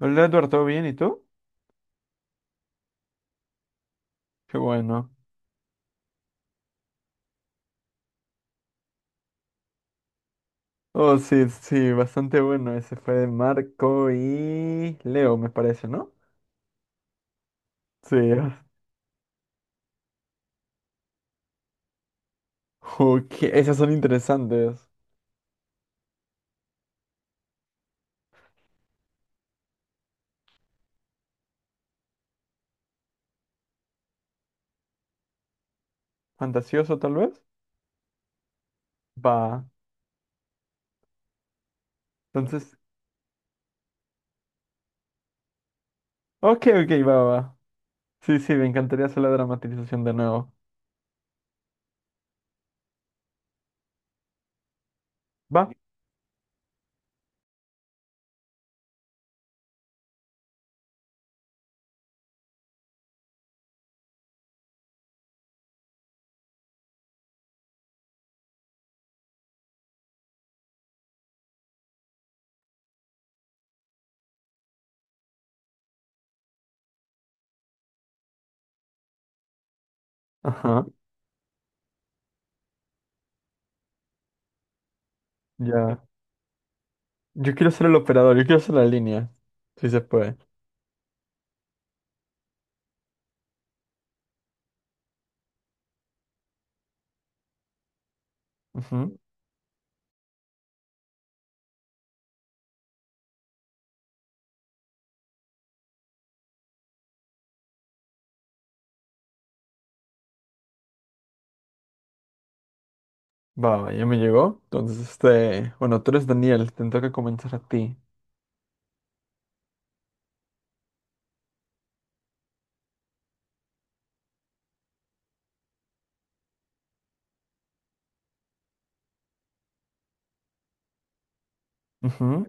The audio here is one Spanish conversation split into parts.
Hola Eduardo, ¿bien? ¿Y tú? Qué bueno. Oh, sí, sí, bastante bueno. Ese fue de Marco y Leo, me parece, ¿no? Sí. Ok, esas son interesantes. ¿Fantasioso, tal vez? Va. Entonces, ok, ok, va, va. Sí, sí, me encantaría hacer la dramatización de nuevo. Va. Ajá, ya. Yo quiero ser el operador, yo quiero ser la línea. Sí se puede. Ujú. Va, va, ya me llegó. Entonces, este, bueno, tú eres Daniel, te toca comenzar a ti. Ujú.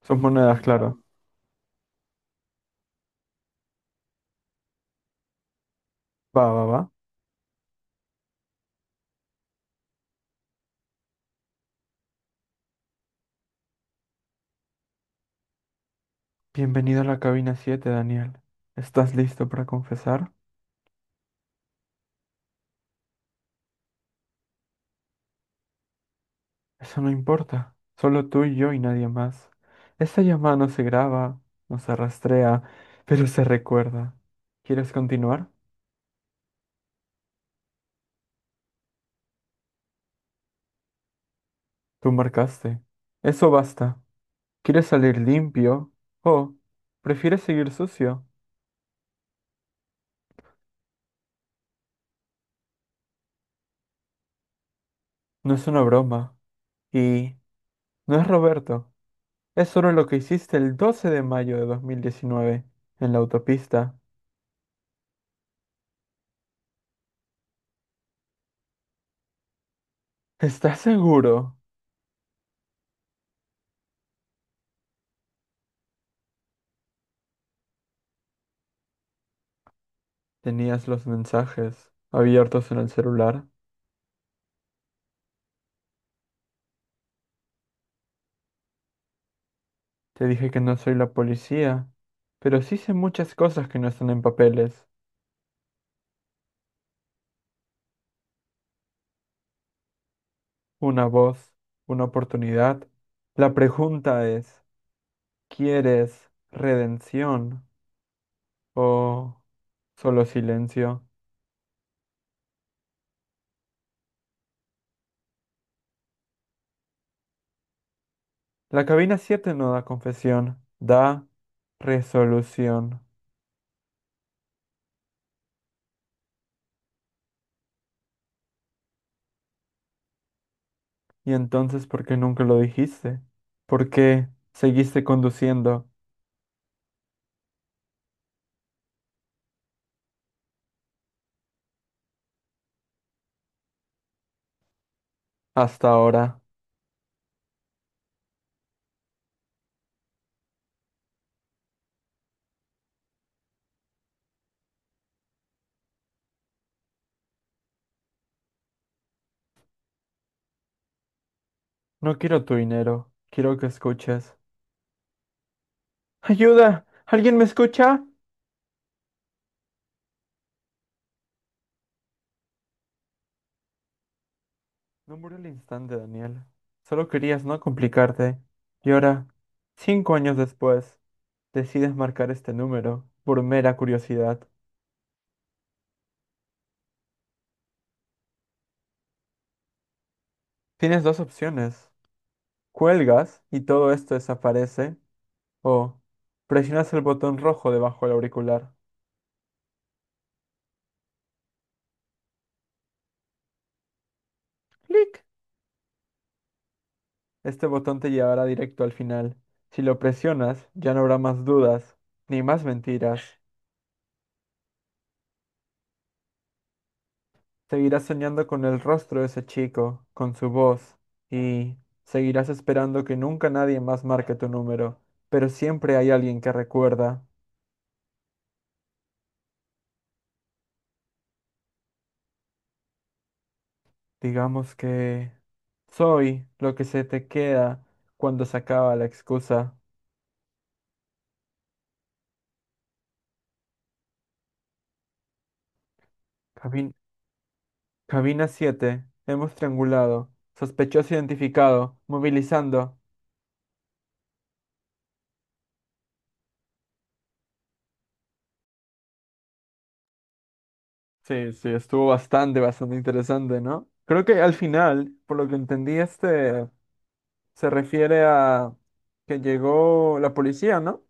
Son monedas, claro. Va, va, va. Bienvenido a la cabina 7, Daniel. ¿Estás listo para confesar? Eso no importa. Solo tú y yo y nadie más. Esta llamada no se graba, no se rastrea, pero se recuerda. ¿Quieres continuar? Tú marcaste. Eso basta. ¿Quieres salir limpio? ¿O prefieres seguir sucio? No es una broma. Y no es Roberto. Es solo lo que hiciste el 12 de mayo de 2019 en la autopista. ¿Estás seguro? Tenías los mensajes abiertos en el celular. Te dije que no soy la policía, pero sí sé muchas cosas que no están en papeles. Una voz, una oportunidad. La pregunta es, ¿quieres redención o solo silencio? La cabina 7 no da confesión, da resolución. ¿Y entonces por qué nunca lo dijiste? ¿Por qué seguiste conduciendo hasta ahora? No quiero tu dinero, quiero que escuches. ¡Ayuda! ¿Alguien me escucha? No murió al instante, Daniel. Solo querías no complicarte. Y ahora, 5 años después, decides marcar este número por mera curiosidad. Tienes dos opciones. Cuelgas y todo esto desaparece. O presionas el botón rojo debajo del auricular. ¡Clic! Este botón te llevará directo al final. Si lo presionas, ya no habrá más dudas, ni más mentiras. Seguirás soñando con el rostro de ese chico, con su voz, y seguirás esperando que nunca nadie más marque tu número, pero siempre hay alguien que recuerda, digamos que soy lo que se te queda cuando se acaba la excusa. Cabin- Cabina 7. Hemos triangulado, sospechoso identificado, movilizando. Sí, sí, estuvo bastante, bastante interesante, ¿no? Creo que al final, por lo que entendí, este... Se refiere a que llegó la policía, ¿no?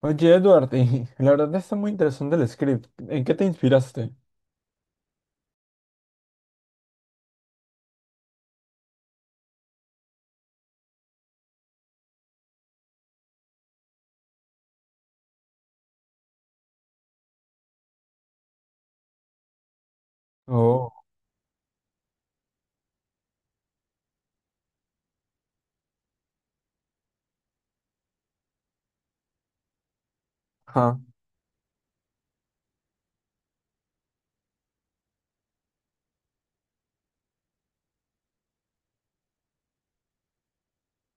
Oye, Edward, y la verdad está muy interesante el script. ¿En qué te inspiraste? Oh, ajá.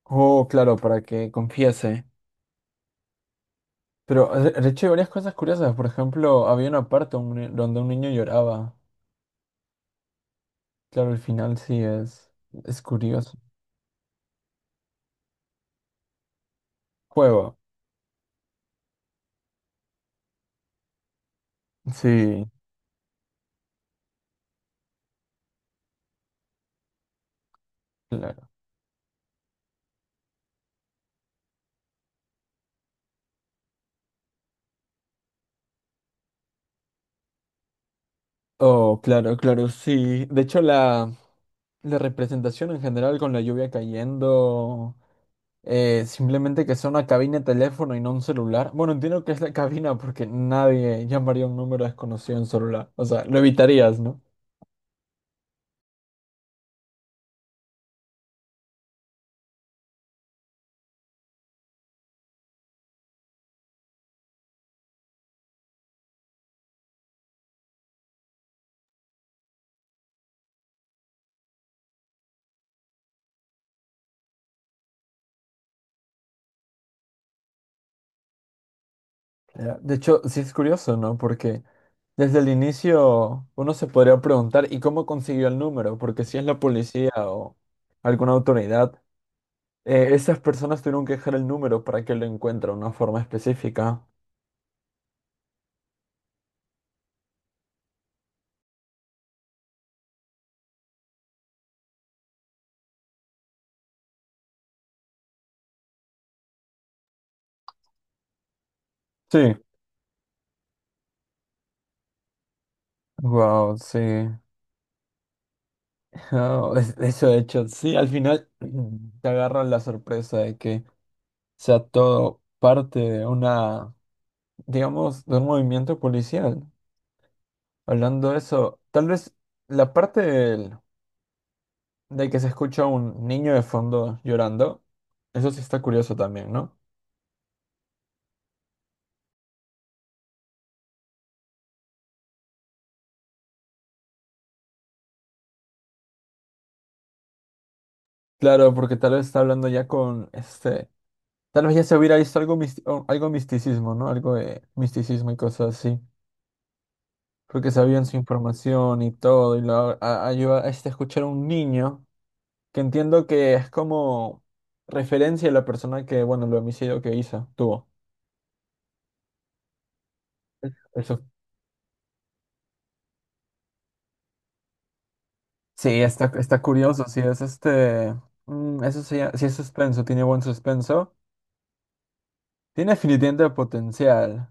Oh, claro, para que confiese. Pero, de hecho, hay varias cosas curiosas. Por ejemplo, había una parte un ni- donde un niño lloraba. Claro, el final sí es curioso. Juego. Sí, claro. Oh, claro, claro, sí. De hecho, la representación en general con la lluvia cayendo. Simplemente que sea una cabina de teléfono y no un celular. Bueno, entiendo que es la cabina porque nadie llamaría a un número desconocido en celular. O sea, lo evitarías, ¿no? De hecho, sí es curioso, ¿no? Porque desde el inicio uno se podría preguntar, ¿y cómo consiguió el número? Porque si es la policía o alguna autoridad, esas personas tuvieron que dejar el número para que lo encuentre de una forma específica. Sí. Wow, sí. Oh, eso de hecho, sí, al final te agarran la sorpresa de que sea todo parte de una, digamos, de un movimiento policial. Hablando de eso, tal vez la de que se escucha un niño de fondo llorando, eso sí está curioso también, ¿no? Claro, porque tal vez está hablando ya con este, tal vez ya se hubiera visto algo, o algo misticismo, ¿no? Algo de misticismo y cosas así. Porque sabían su información y todo, y lo ayuda a este, escuchar a un niño. Que entiendo que es como referencia a la persona que, bueno, el homicidio que hizo, tuvo. Eso. Sí, está, está curioso, sí, es este, mm, eso sí, sí es suspenso, tiene buen suspenso, tiene definitivamente potencial,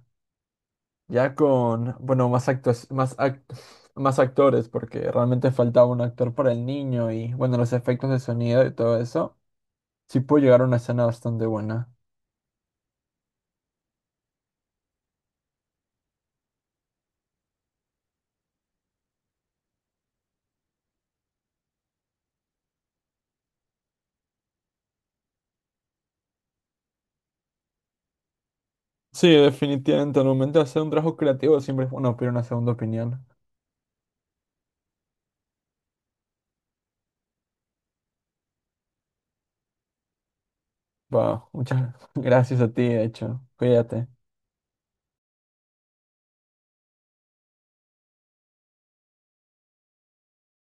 ya con, bueno, más actos, más actores, porque realmente faltaba un actor para el niño y, bueno, los efectos de sonido y todo eso, sí puede llegar a una escena bastante buena. Sí, definitivamente, al momento de hacer un trabajo creativo siempre es bueno pedir una segunda opinión. Wow, muchas gracias a ti, de hecho. Cuídate.